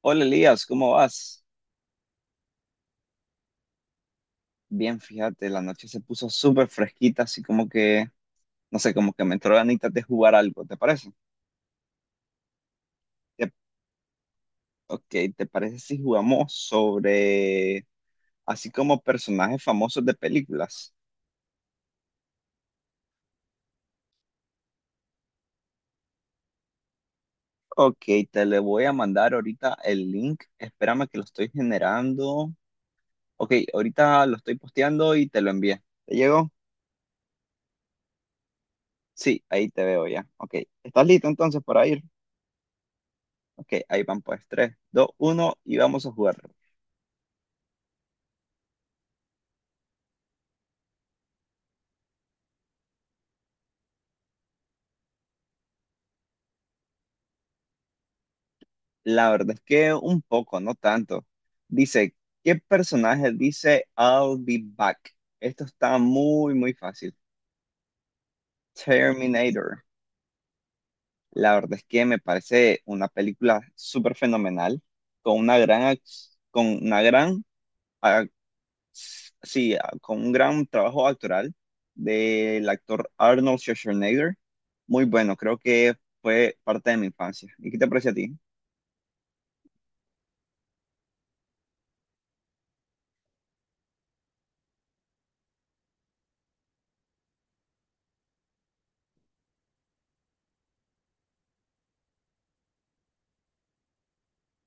Hola Elías, ¿cómo vas? Bien, fíjate, la noche se puso súper fresquita, así como que, no sé, como que me entró ganitas de jugar algo, ¿te parece? Te- ok, ¿te parece si jugamos sobre, así como personajes famosos de películas? Ok, te le voy a mandar ahorita el link, espérame que lo estoy generando. Ok, ahorita lo estoy posteando y te lo envié. ¿Te llegó? Sí, ahí te veo ya. Ok, ¿estás listo entonces para ir? Ok, ahí van pues, 3, 2, 1 y vamos a jugar. La verdad es que un poco, no tanto. Dice, ¿qué personaje dice I'll be back? Esto está muy, muy fácil. Terminator. La verdad es que me parece una película súper fenomenal, con una con una gran, ah, sí, ah, con un gran trabajo actoral del actor Arnold Schwarzenegger. Muy bueno, creo que fue parte de mi infancia. ¿Y qué te parece a ti?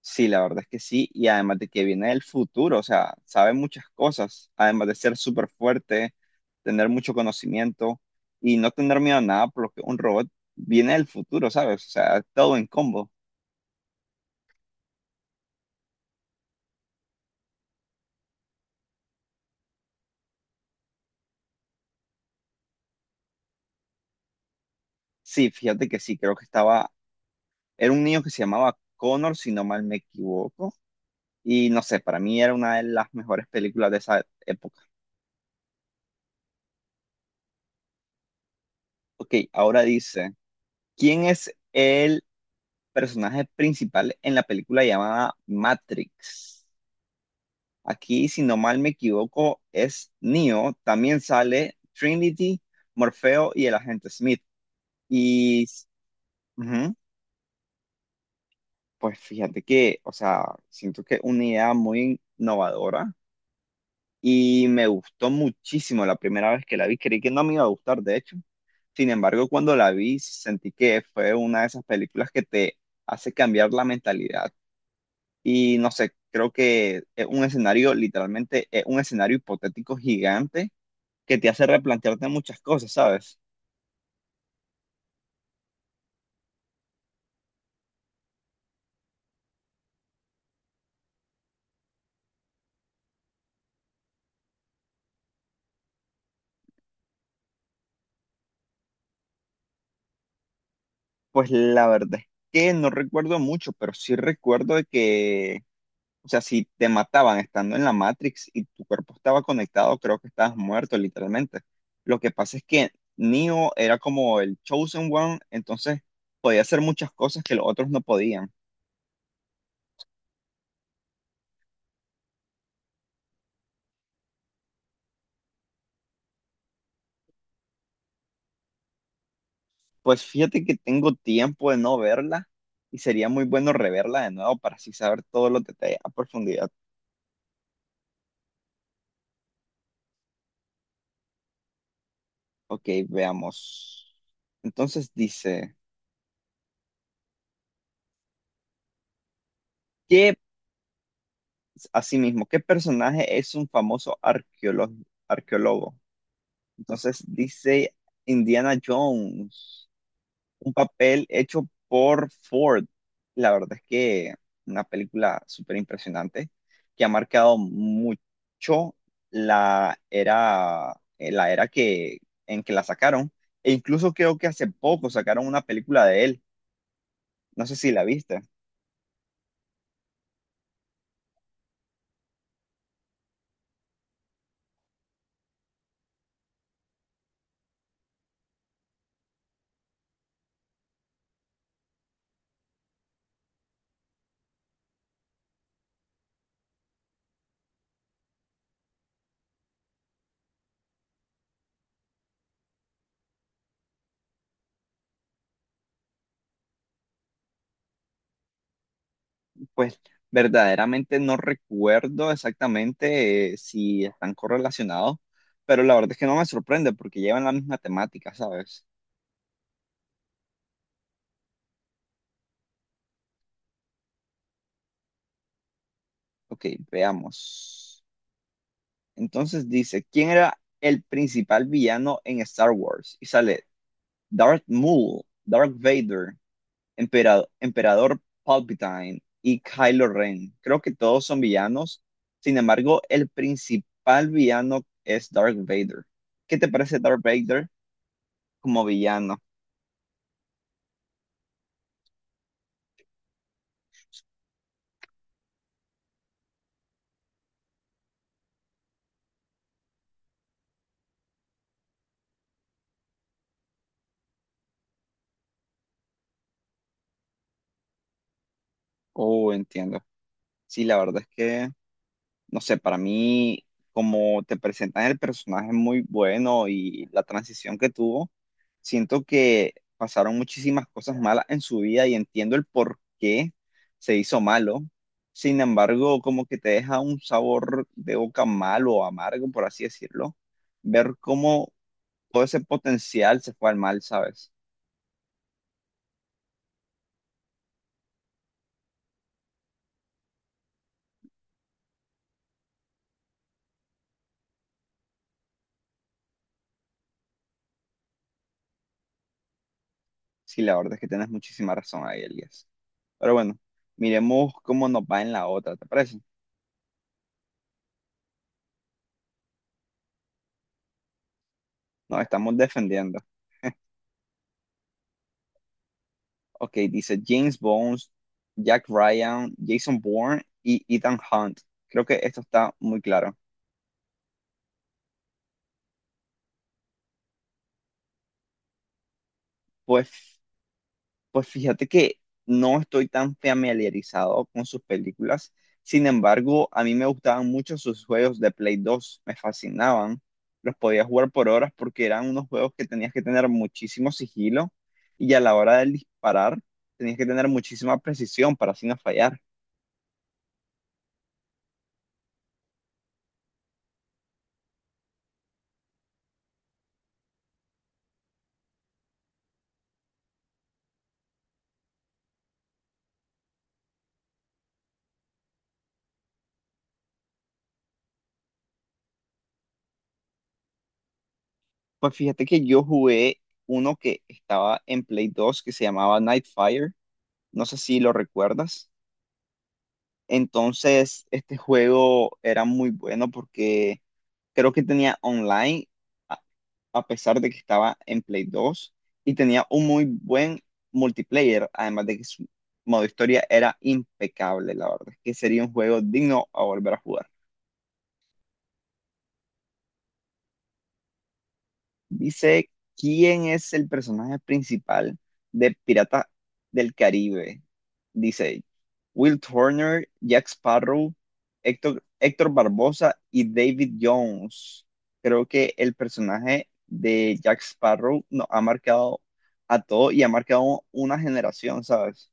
Sí, la verdad es que sí, y además de que viene del futuro, o sea, sabe muchas cosas, además de ser súper fuerte, tener mucho conocimiento y no tener miedo a nada, por lo que un robot viene del futuro, ¿sabes? O sea, todo en combo. Sí, fíjate que sí, creo que estaba, era un niño que se llamaba Connor, si no mal me equivoco, y no sé, para mí era una de las mejores películas de esa época. Ok, ahora dice, ¿quién es el personaje principal en la película llamada Matrix? Aquí, si no mal me equivoco, es Neo. También sale Trinity, Morfeo y el agente Smith. Y ujú, pues fíjate que, o sea, siento que una idea muy innovadora y me gustó muchísimo la primera vez que la vi. Creí que no me iba a gustar, de hecho. Sin embargo, cuando la vi, sentí que fue una de esas películas que te hace cambiar la mentalidad. Y no sé, creo que es un escenario, literalmente, es un escenario hipotético gigante que te hace replantearte muchas cosas, ¿sabes? Pues la verdad es que no recuerdo mucho, pero sí recuerdo de que, o sea, si te mataban estando en la Matrix y tu cuerpo estaba conectado, creo que estabas muerto, literalmente. Lo que pasa es que Neo era como el Chosen One, entonces podía hacer muchas cosas que los otros no podían. Pues fíjate que tengo tiempo de no verla y sería muy bueno reverla de nuevo para así saber todos los detalles a profundidad. Ok, veamos. Entonces dice... ¿Qué, asimismo, qué personaje es un famoso arqueólogo? ¿Arqueólogo? Entonces dice Indiana Jones, un papel hecho por Ford. La verdad es que una película súper impresionante que ha marcado mucho la era, la era que, en que la sacaron. E incluso creo que hace poco sacaron una película de él. No sé si la viste. Pues verdaderamente no recuerdo exactamente si están correlacionados, pero la verdad es que no me sorprende porque llevan la misma temática, ¿sabes? Ok, veamos. Entonces dice, ¿quién era el principal villano en Star Wars? Y sale Darth Maul, Darth Vader, Emperador Palpatine y Kylo Ren. Creo que todos son villanos. Sin embargo, el principal villano es Darth Vader. ¿Qué te parece Darth Vader como villano? Oh, entiendo. Sí, la verdad es que, no sé, para mí, como te presentan el personaje muy bueno y la transición que tuvo, siento que pasaron muchísimas cosas malas en su vida y entiendo el por qué se hizo malo. Sin embargo, como que te deja un sabor de boca malo o amargo, por así decirlo, ver cómo todo ese potencial se fue al mal, ¿sabes? Sí, la verdad es que tienes muchísima razón ahí, Elías. Pero bueno, miremos cómo nos va en la otra, ¿te parece? Nos estamos defendiendo. Ok, dice James Bones, Jack Ryan, Jason Bourne y Ethan Hunt. Creo que esto está muy claro. Pues, pues fíjate que no estoy tan familiarizado con sus películas. Sin embargo, a mí me gustaban mucho sus juegos de Play 2. Me fascinaban. Los podía jugar por horas porque eran unos juegos que tenías que tener muchísimo sigilo y a la hora de disparar tenías que tener muchísima precisión para así no fallar. Pues fíjate que yo jugué uno que estaba en Play 2 que se llamaba Nightfire. No sé si lo recuerdas. Entonces, este juego era muy bueno porque creo que tenía online, a a pesar de que estaba en Play 2 y tenía un muy buen multiplayer, además de que su modo historia era impecable, la verdad, que sería un juego digno a volver a jugar. Dice, ¿quién es el personaje principal de Piratas del Caribe? Dice, Will Turner, Jack Sparrow, Héctor Barbosa y David Jones. Creo que el personaje de Jack Sparrow nos ha marcado a todos y ha marcado una generación, ¿sabes?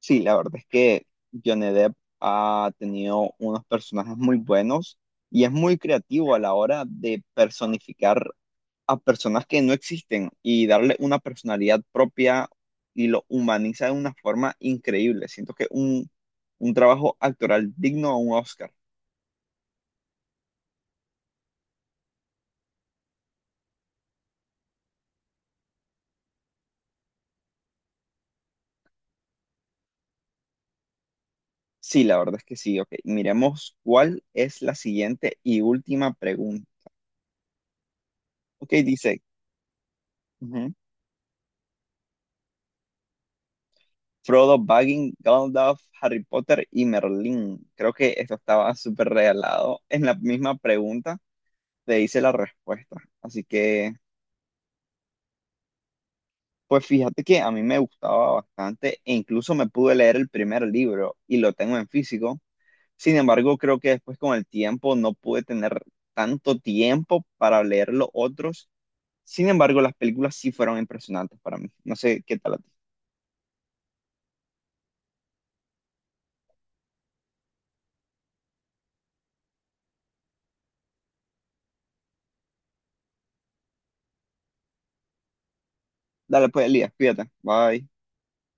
Sí, la verdad es que Johnny Depp ha tenido unos personajes muy buenos y es muy creativo a la hora de personificar a personas que no existen y darle una personalidad propia y lo humaniza de una forma increíble. Siento que un trabajo actoral digno a un Oscar. Sí, la verdad es que sí. Ok, miremos cuál es la siguiente y última pregunta. Ok, dice ujú, Frodo Baggins, Gandalf, Harry Potter y Merlín. Creo que esto estaba súper regalado. En la misma pregunta te hice la respuesta. Así que pues fíjate que a mí me gustaba bastante e incluso me pude leer el primer libro y lo tengo en físico. Sin embargo, creo que después con el tiempo no pude tener tanto tiempo para leer los otros. Sin embargo, las películas sí fueron impresionantes para mí. No sé qué tal a ti. Dale pues, Elías, cuídate. Bye.